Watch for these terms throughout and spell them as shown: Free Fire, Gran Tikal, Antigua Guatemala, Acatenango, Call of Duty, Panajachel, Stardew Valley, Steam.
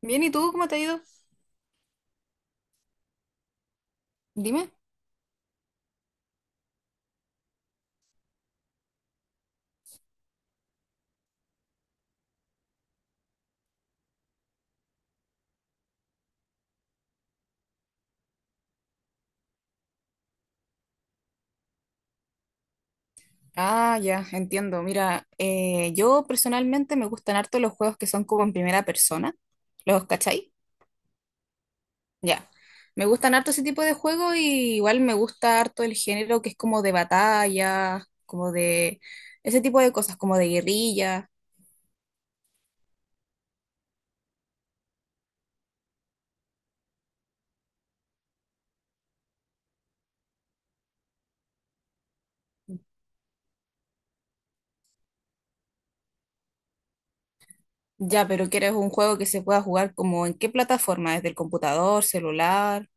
Bien, ¿y tú cómo te ha ido? Dime. Ah, ya, entiendo. Mira, yo personalmente me gustan harto los juegos que son como en primera persona. ¿Los cachai? Ya. Me gustan harto ese tipo de juegos y igual me gusta harto el género que es como de batalla, como de ese tipo de cosas, como de guerrilla. Ya, pero ¿quieres un juego que se pueda jugar como en qué plataforma? ¿Desde el computador, celular?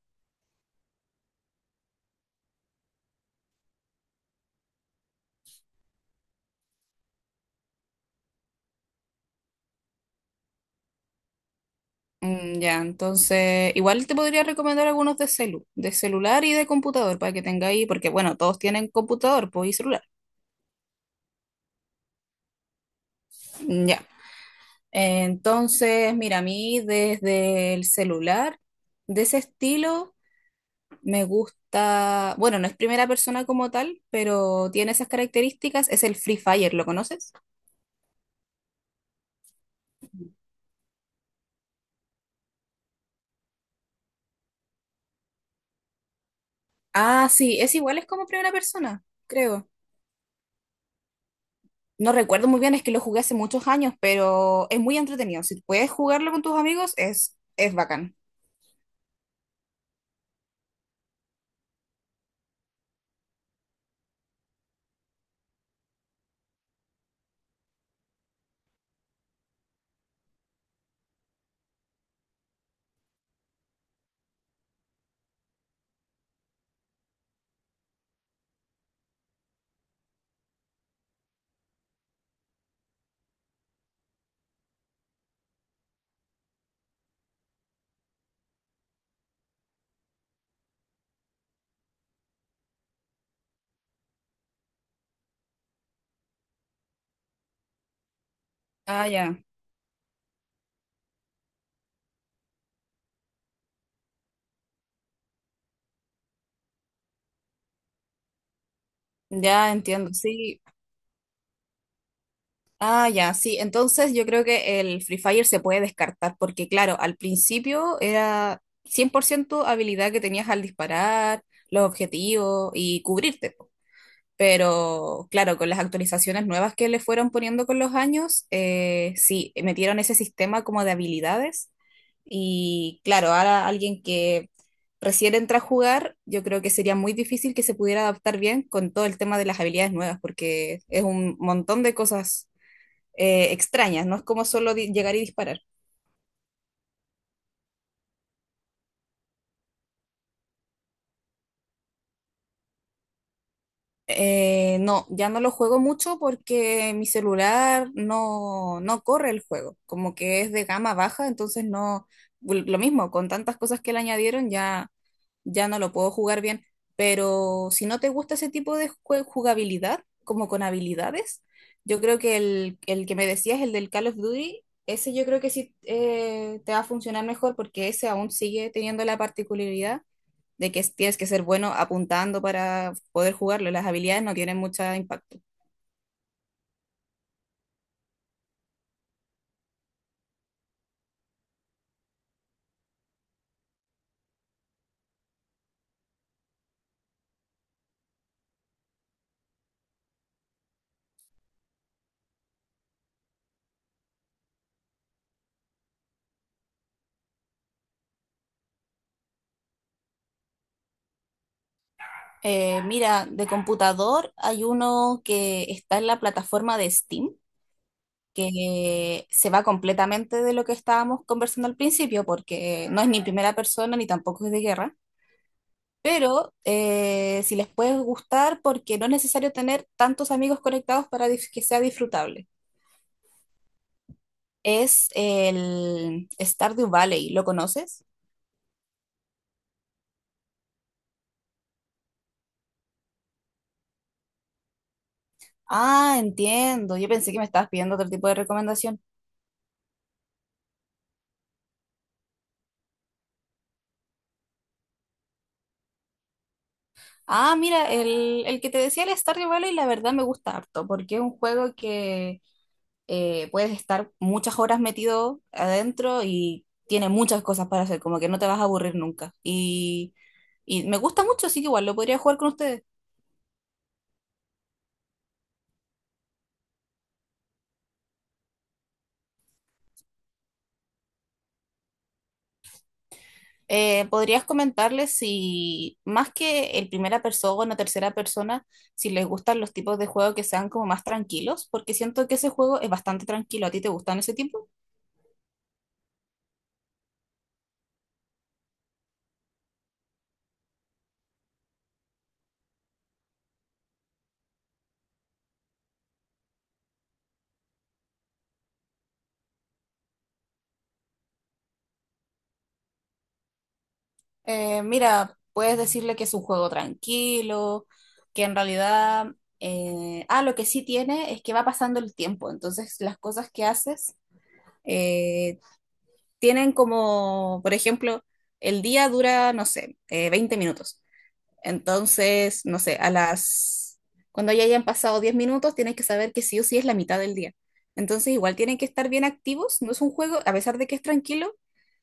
Mm, ya, entonces, igual te podría recomendar algunos de celular y de computador para que tengáis, porque bueno, todos tienen computador, pues y celular. Mm, ya. Entonces, mira, a mí desde el celular, de ese estilo, me gusta, bueno, no es primera persona como tal, pero tiene esas características, es el Free Fire, ¿lo conoces? Ah, sí, es igual, es como primera persona, creo. No recuerdo muy bien, es que lo jugué hace muchos años, pero es muy entretenido. Si puedes jugarlo con tus amigos, es bacán. Ah, ya. Ya entiendo, sí. Ah, ya, sí. Entonces yo creo que el Free Fire se puede descartar, porque claro, al principio era 100% habilidad que tenías al disparar, los objetivos y cubrirte, po. Pero claro, con las actualizaciones nuevas que le fueron poniendo con los años, sí, metieron ese sistema como de habilidades. Y claro, ahora alguien que recién entra a jugar, yo creo que sería muy difícil que se pudiera adaptar bien con todo el tema de las habilidades nuevas, porque es un montón de cosas extrañas, no es como solo llegar y disparar. No, ya no lo juego mucho porque mi celular no, no corre el juego, como que es de gama baja, entonces no, lo mismo, con tantas cosas que le añadieron ya, ya no lo puedo jugar bien, pero si no te gusta ese tipo de jugabilidad, como con habilidades, yo creo que el que me decías, el del Call of Duty, ese yo creo que sí, te va a funcionar mejor porque ese aún sigue teniendo la particularidad de que tienes que ser bueno apuntando para poder jugarlo. Las habilidades no tienen mucho impacto. Mira, de computador hay uno que está en la plataforma de Steam, que se va completamente de lo que estábamos conversando al principio, porque no es ni primera persona ni tampoco es de guerra. Pero si les puede gustar, porque no es necesario tener tantos amigos conectados para que sea disfrutable. Es el Stardew Valley, ¿lo conoces? Ah, entiendo. Yo pensé que me estabas pidiendo otro tipo de recomendación. Ah, mira, el que te decía el Stardew Valley, la verdad me gusta harto, porque es un juego que puedes estar muchas horas metido adentro y tiene muchas cosas para hacer, como que no te vas a aburrir nunca. Y me gusta mucho, así que igual lo podría jugar con ustedes. ¿Podrías comentarles si, más que el primera persona o tercera persona, si les gustan los tipos de juego que sean como más tranquilos? Porque siento que ese juego es bastante tranquilo. ¿A ti te gustan ese tipo? Mira, puedes decirle que es un juego tranquilo, que en realidad, lo que sí tiene es que va pasando el tiempo, entonces las cosas que haces eh, tienen como, por ejemplo, el día dura, no sé, 20 minutos. Entonces, no sé, a las... Cuando ya hayan pasado 10 minutos, tienes que saber que sí o sí es la mitad del día. Entonces, igual tienen que estar bien activos. No es un juego, a pesar de que es tranquilo,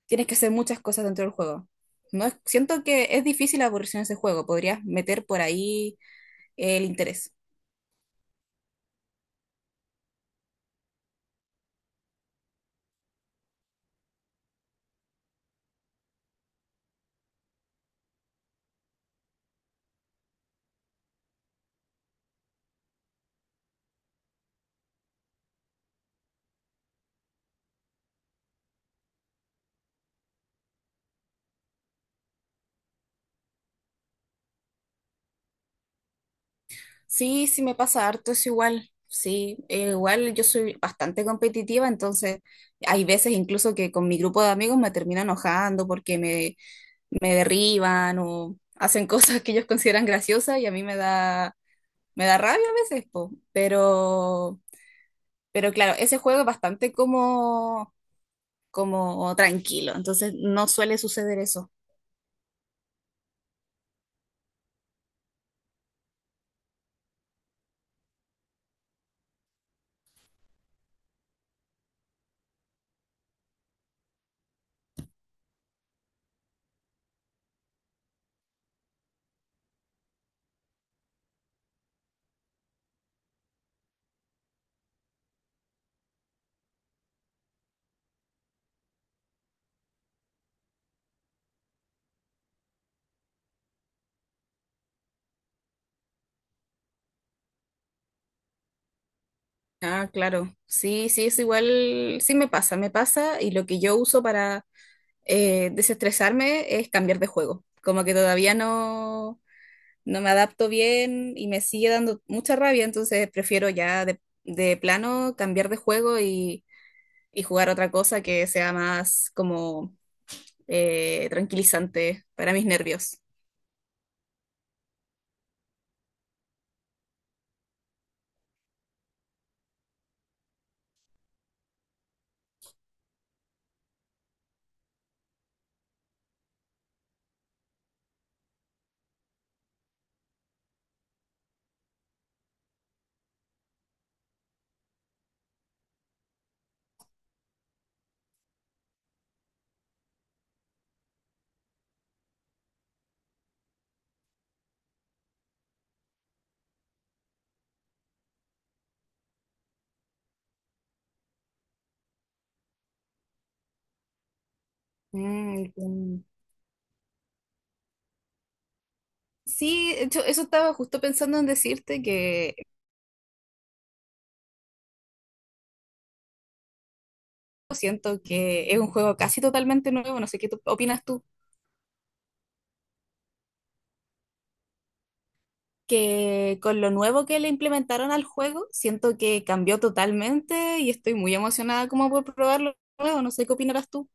tienes que hacer muchas cosas dentro del juego. No es- siento que es difícil aburrirse en ese juego. Podrías meter por ahí el interés. Sí, sí me pasa harto, es igual. Sí, igual yo soy bastante competitiva, entonces hay veces incluso que con mi grupo de amigos me termino enojando porque me derriban o hacen cosas que ellos consideran graciosas y a mí me me da rabia a veces, po. Pero claro, ese juego es bastante como tranquilo, entonces no suele suceder eso. Ah, claro, sí, sí, es igual, sí me pasa y lo que yo uso para desestresarme es cambiar de juego, como que todavía no, no me adapto bien y me sigue dando mucha rabia, entonces prefiero ya de plano cambiar de juego y jugar otra cosa que sea más como tranquilizante para mis nervios. Mm, entiendo. Sí, de hecho, eso estaba justo pensando en decirte que siento que es un juego casi totalmente nuevo, no sé qué opinas tú, que con lo nuevo que le implementaron al juego, siento que cambió totalmente y estoy muy emocionada como por probarlo nuevo, no sé qué opinarás tú.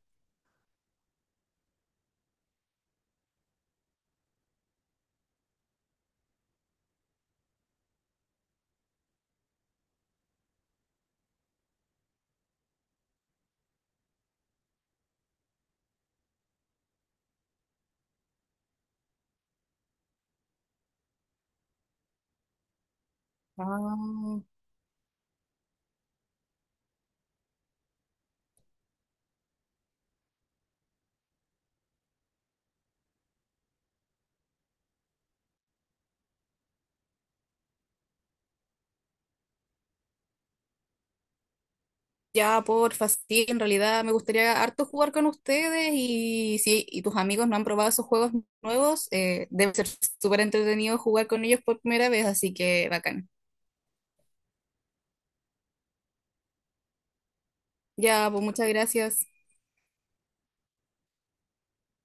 Ah. Ya, porfa, sí, en realidad me gustaría harto jugar con ustedes y si tus amigos no han probado esos juegos nuevos, debe ser súper entretenido jugar con ellos por primera vez, así que bacán. Ya, pues muchas gracias.